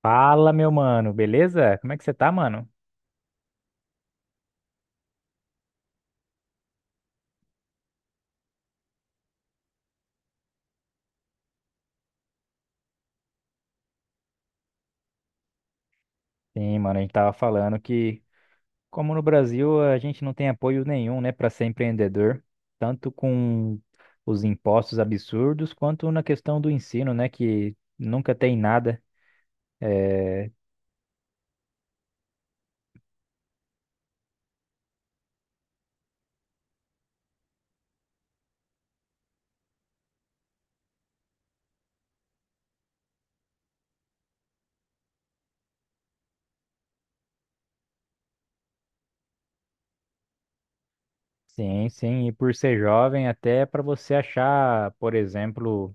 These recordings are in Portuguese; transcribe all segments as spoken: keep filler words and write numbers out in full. Fala, meu mano, beleza? Como é que você tá, mano? Sim, mano, a gente tava falando que, como no Brasil, a gente não tem apoio nenhum, né, pra ser empreendedor, tanto com os impostos absurdos, quanto na questão do ensino, né, que nunca tem nada. É, sim, sim, e por ser jovem, até pra você achar, por exemplo,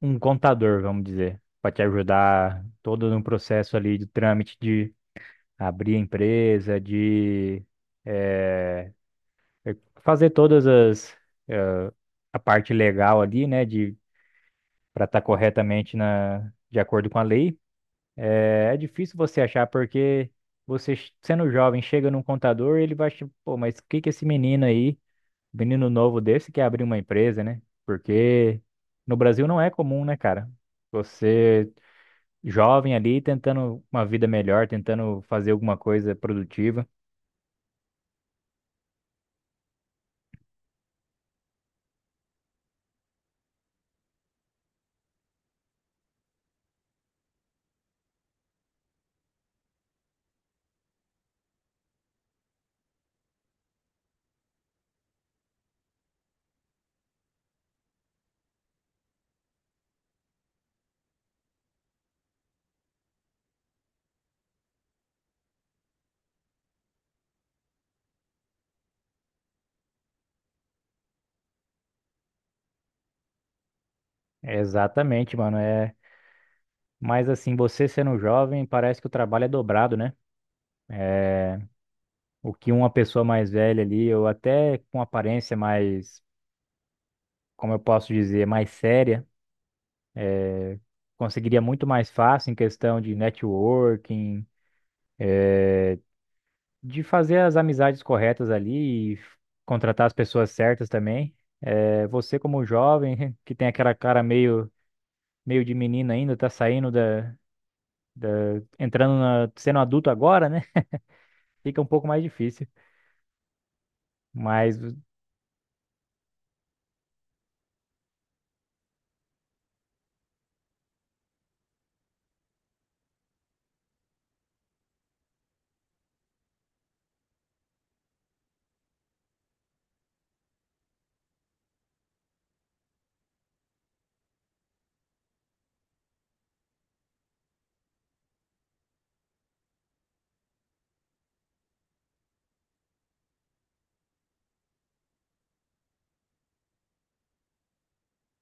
um contador, vamos dizer, pra te ajudar todo no processo ali do trâmite de abrir a empresa, de. é, É, fazer todas as eh, a parte legal ali, né, de para estar corretamente na de acordo com a lei. É, é difícil você achar porque você ch- sendo jovem chega num contador, ele vai achar, pô, mas o que que esse menino aí, menino novo desse, quer abrir uma empresa, né? Porque no Brasil não é comum, né, cara? Você jovem ali tentando uma vida melhor, tentando fazer alguma coisa produtiva. É Exatamente, mano. é Mas assim, você sendo jovem, parece que o trabalho é dobrado, né? O que uma pessoa mais velha ali, ou até com aparência mais, como eu posso dizer, mais séria, conseguiria muito mais fácil em questão de networking, de fazer as amizades corretas ali e contratar as pessoas certas também. É, você como jovem, que tem aquela cara meio, meio, de menina ainda, tá saindo da, da, entrando na, sendo adulto agora, né? Fica um pouco mais difícil. Mas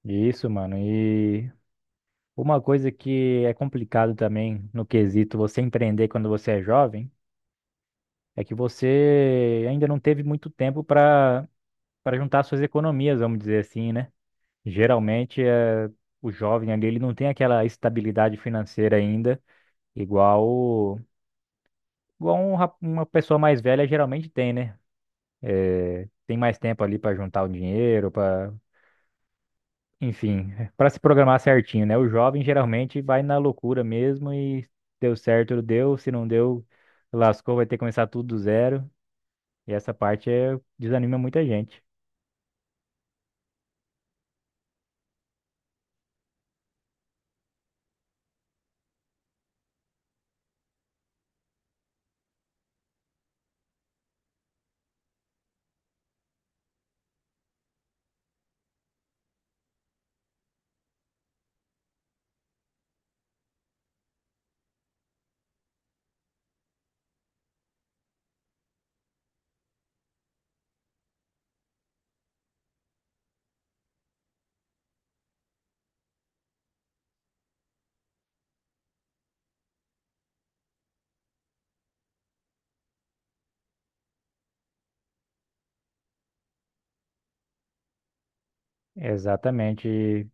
isso, mano. e Uma coisa que é complicado também no quesito você empreender quando você é jovem é que você ainda não teve muito tempo para para juntar suas economias, vamos dizer assim, né? Geralmente é, o jovem ali, ele não tem aquela estabilidade financeira ainda, igual igual um rap- uma pessoa mais velha geralmente tem, né? Tem mais tempo ali para juntar o dinheiro, para, enfim, para se programar certinho, né? O jovem geralmente vai na loucura mesmo. E deu certo, deu; se não deu, lascou, vai ter que começar tudo do zero. E essa parte é, desanima muita gente. Exatamente.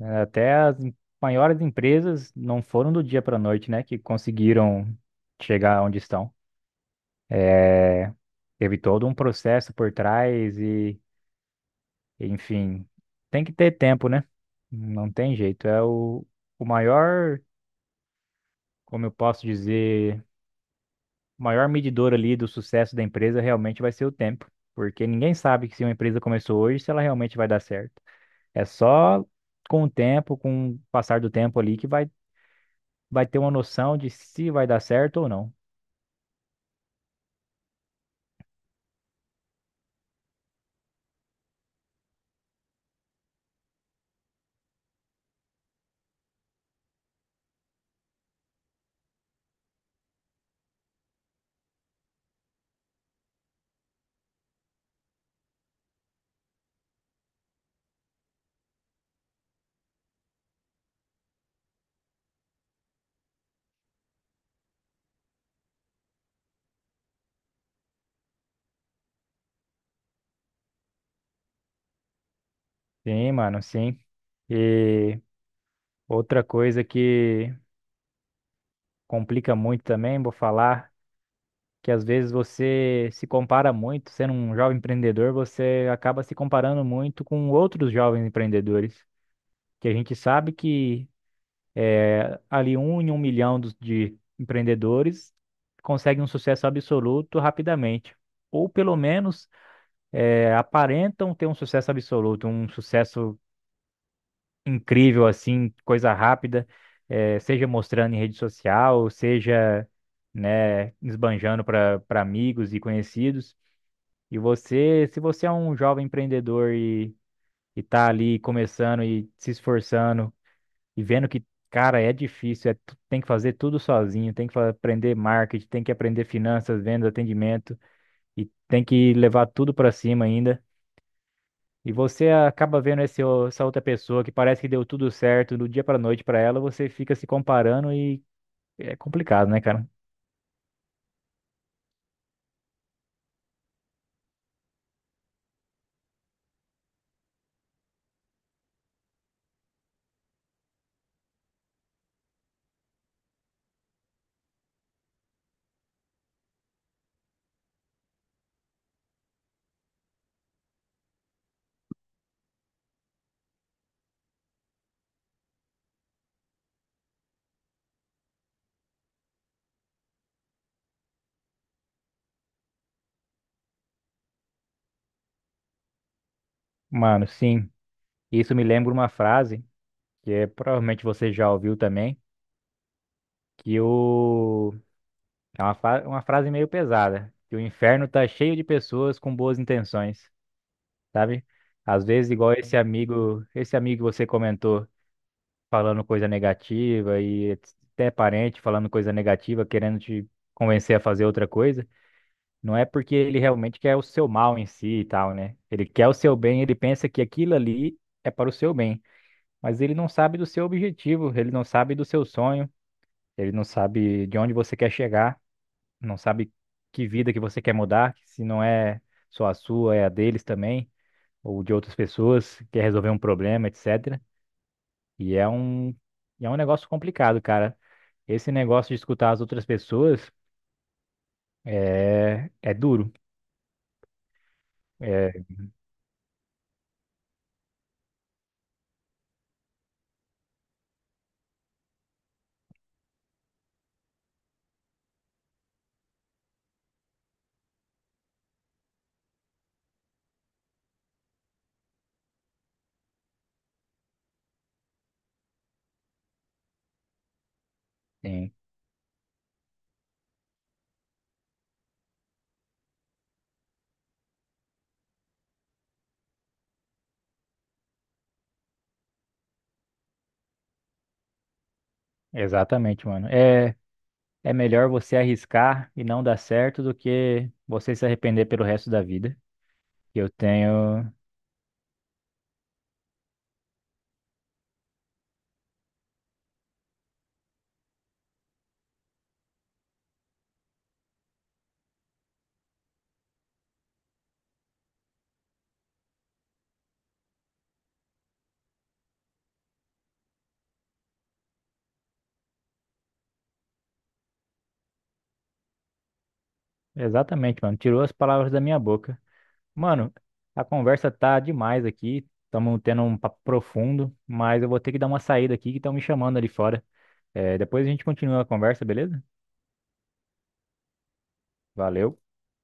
Até as em- maiores empresas não foram do dia para a noite, né? Que conseguiram chegar onde estão. É, teve todo um processo por trás e, enfim, tem que ter tempo, né? Não tem jeito. É o, o maior. Como eu posso dizer, o maior medidor ali do sucesso da empresa realmente vai ser o tempo, porque ninguém sabe que se uma empresa começou hoje, se ela realmente vai dar certo. É só com o tempo, com o passar do tempo ali, que vai vai ter uma noção de se vai dar certo ou não. Sim, mano, sim. E outra coisa que complica muito também, vou falar, que às vezes você se compara muito, sendo um jovem empreendedor. Você acaba se comparando muito com outros jovens empreendedores, que a gente sabe que ali um em um milhão dos- de empreendedores conseguem um sucesso absoluto rapidamente. Ou pelo menos eh, aparentam ter um sucesso absoluto, um sucesso incrível, assim, coisa rápida, eh, seja mostrando em rede social, seja, né, esbanjando para para amigos e conhecidos. E você, se você é um jovem empreendedor e está ali começando e se esforçando, e vendo que, cara, é difícil, é, tu- tem que fazer tudo sozinho, tem que fa- aprender marketing, tem que aprender finanças, vendas, atendimento, e tem que levar tudo pra cima ainda. E você acaba vendo esse o- essa outra pessoa que parece que deu tudo certo do dia pra noite pra ela. Você fica se comparando e é complicado, né, cara? Mano, sim. Isso me lembra uma frase que, é, provavelmente você já ouviu também, que o é uma, fa- uma frase meio pesada, que o inferno tá cheio de pessoas com boas intenções. Sabe? Às vezes, igual esse amigo, esse amigo que você comentou falando coisa negativa, e até parente falando coisa negativa, querendo te convencer a fazer outra coisa, não é porque ele realmente quer o seu mal em si e tal, né? Ele quer o seu bem, ele pensa que aquilo ali é para o seu bem, mas ele não sabe do seu objetivo, ele não sabe do seu sonho, ele não sabe de onde você quer chegar, não sabe que vida que você quer mudar, se não é só a sua, é a deles também ou de outras pessoas, quer resolver um problema, etcétera. E é um, e é um negócio complicado, cara. Esse negócio de escutar as outras pessoas é, é duro. É, sim, exatamente, mano. É, é melhor você arriscar e não dar certo do que você se arrepender pelo resto da vida. Eu tenho. Exatamente, mano. Tirou as palavras da minha boca. Mano, a conversa tá demais aqui. Estamos tendo um papo profundo, mas eu vou ter que dar uma saída aqui que estão me chamando ali fora. É, depois a gente continua a conversa, beleza? Valeu.